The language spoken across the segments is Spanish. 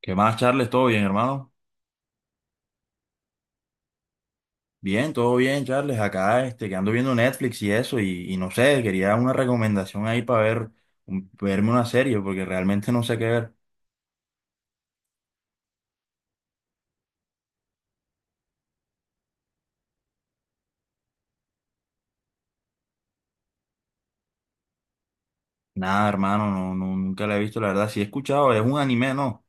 ¿Qué más, Charles? ¿Todo bien, hermano? Bien, todo bien, Charles. Acá, este, que ando viendo Netflix y eso, y no sé, quería una recomendación ahí para ver, verme una serie, porque realmente no sé qué ver. Nada, hermano, no, no, nunca la he visto, la verdad. Sí he escuchado, es un anime, ¿no?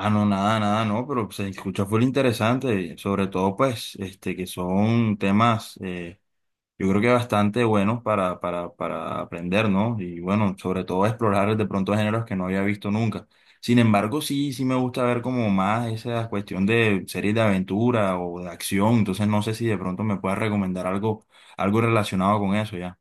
Ah, no, nada, nada, no, pero se escucha full interesante, sobre todo, pues, este, que son temas. Yo creo que bastante bueno para, para aprender, ¿no? Y bueno, sobre todo explorar de pronto géneros que no había visto nunca. Sin embargo, sí, sí me gusta ver como más esa cuestión de series de aventura o de acción. Entonces no sé si de pronto me puedes recomendar algo, algo relacionado con eso ya.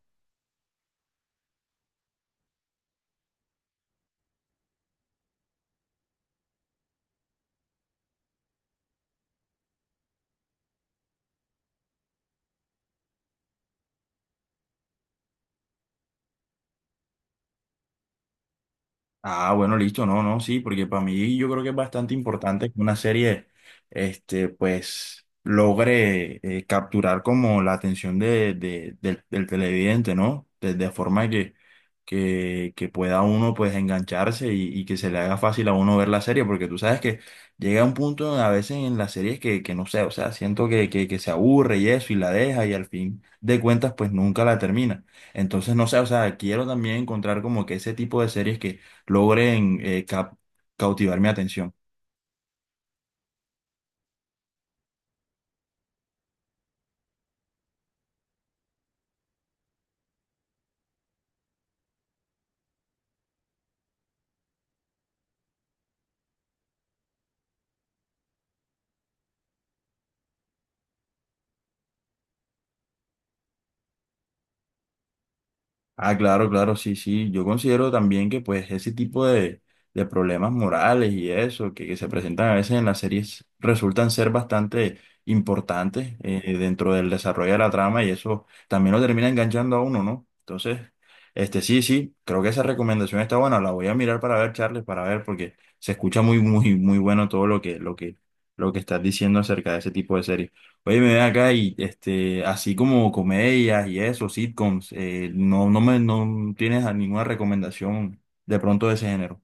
Ah, bueno, listo, no, no, sí, porque para mí yo creo que es bastante importante que una serie, este, pues, logre capturar como la atención del televidente, ¿no? De forma que, que pueda uno, pues, engancharse y que se le haga fácil a uno ver la serie, porque tú sabes que llega un punto a veces en las series que no sé, o sea, siento que, que se aburre y eso, y la deja, y al fin de cuentas, pues, nunca la termina. Entonces, no sé, o sea, quiero también encontrar como que ese tipo de series que logren cautivar mi atención. Ah, claro, claro, sí, sí. Yo considero también que pues ese tipo de problemas morales y eso que se presentan a veces en las series resultan ser bastante importantes dentro del desarrollo de la trama y eso también lo termina enganchando a uno, ¿no? Entonces, este sí, sí, creo que esa recomendación está buena. La voy a mirar para ver, Charles, para ver, porque se escucha muy, muy, muy bueno todo lo que, lo que estás diciendo acerca de ese tipo de series. Oye, me ven acá y este, así como comedias y eso, sitcoms, no, no tienes a ninguna recomendación de pronto de ese género.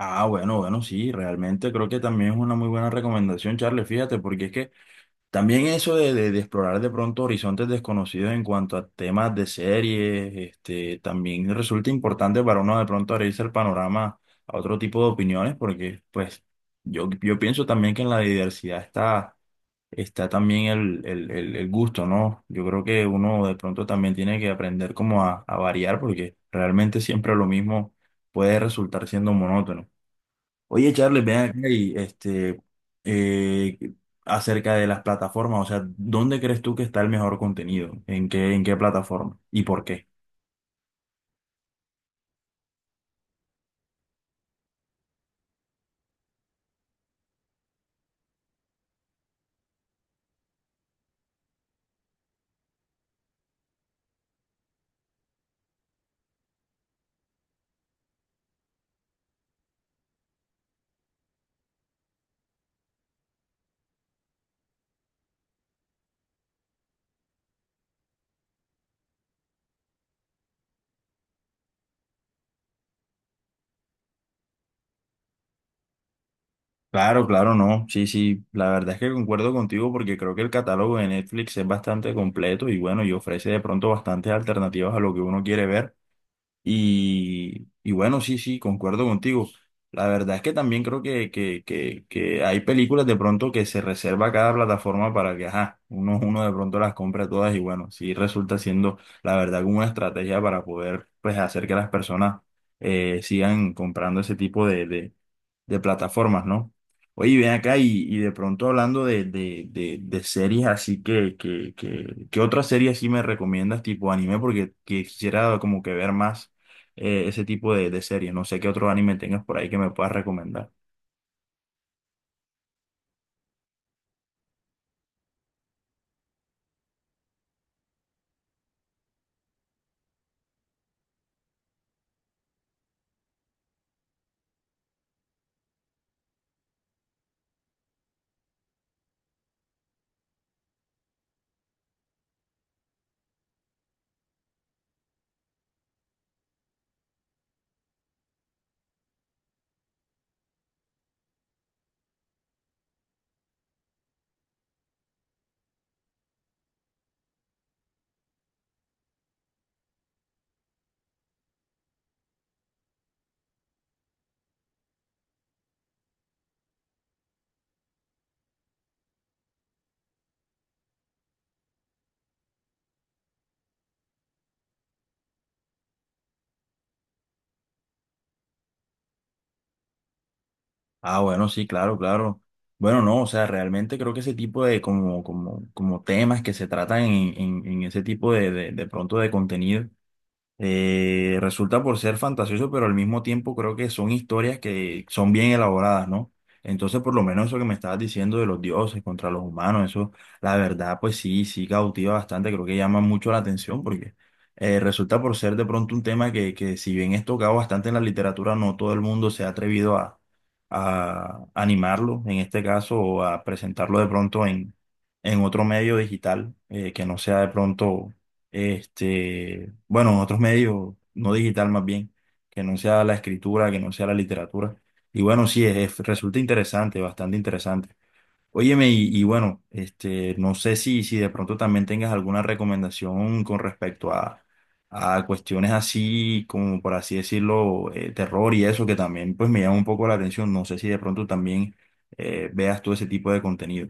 Ah, bueno, bueno, sí, realmente creo que también es una muy buena recomendación, Charles, fíjate, porque es que también eso de explorar de pronto horizontes desconocidos en cuanto a temas de series, este, también resulta importante para uno de pronto abrirse el panorama a otro tipo de opiniones, porque pues yo pienso también que en la diversidad está está también el gusto, ¿no? Yo creo que uno de pronto también tiene que aprender como a variar porque realmente siempre lo mismo puede resultar siendo monótono. Oye, Charles, ven acá y este, eh, acerca de las plataformas, o sea, ¿dónde crees tú que está el mejor contenido? En qué plataforma? ¿Y por qué? Claro, claro, no. Sí, sí, la verdad es que concuerdo contigo porque creo que el catálogo de Netflix es bastante completo y bueno, y ofrece de pronto bastantes alternativas a lo que uno quiere ver. Y bueno, sí, sí, concuerdo contigo. La verdad es que también creo que, que hay películas de pronto que se reserva cada plataforma para que, ajá, uno, uno de pronto las compra todas y bueno, sí resulta siendo, la verdad, como una estrategia para poder, pues, hacer que las personas sigan comprando ese tipo de, de plataformas, ¿no? Oye, ven acá y de pronto hablando de, de series, así ¿qué otra serie así me recomiendas tipo anime? Porque quisiera como que ver más ese tipo de series. No sé qué otro anime tengas por ahí que me puedas recomendar. Ah, bueno, sí, claro, claro. Bueno, no, o sea, realmente creo que ese tipo de como, como temas que se tratan en, en ese tipo de, de pronto de contenido. Resulta por ser fantasioso, pero al mismo tiempo creo que son historias que son bien elaboradas, ¿no? Entonces, por lo menos eso que me estabas diciendo de los dioses contra los humanos, eso, la verdad, pues sí, sí cautiva bastante, creo que llama mucho la atención porque resulta por ser de pronto un tema que si bien es tocado bastante en la literatura, no todo el mundo se ha atrevido a animarlo, en este caso, o a presentarlo de pronto en otro medio digital que no sea de pronto este, bueno, otros medios, no digital más bien, que no sea la escritura, que no sea la literatura. Y bueno, sí, es, resulta interesante, bastante interesante. Óyeme, y bueno, este, no sé si, si de pronto también tengas alguna recomendación con respecto a cuestiones así, como por así decirlo, terror y eso, que también pues me llama un poco la atención. No sé si de pronto también veas todo ese tipo de contenido.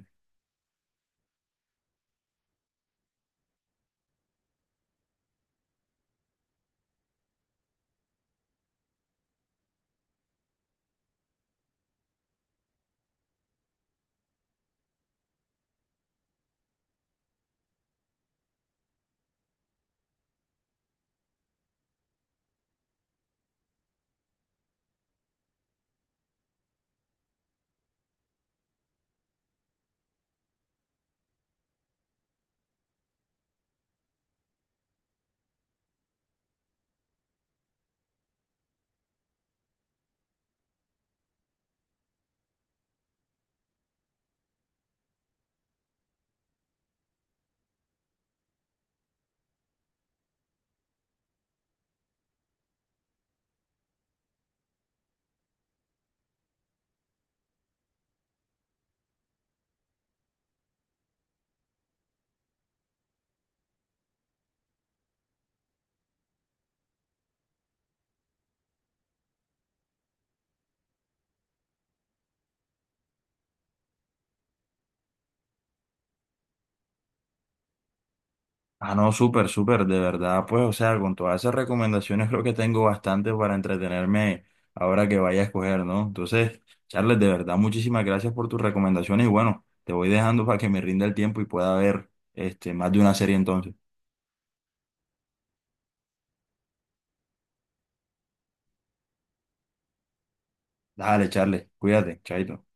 Ah, no, súper, súper, de verdad, pues, o sea, con todas esas recomendaciones creo que tengo bastante para entretenerme ahora que vaya a escoger, ¿no? Entonces, Charles, de verdad, muchísimas gracias por tus recomendaciones y bueno, te voy dejando para que me rinda el tiempo y pueda ver este, más de una serie entonces. Dale, Charles, cuídate, chaito.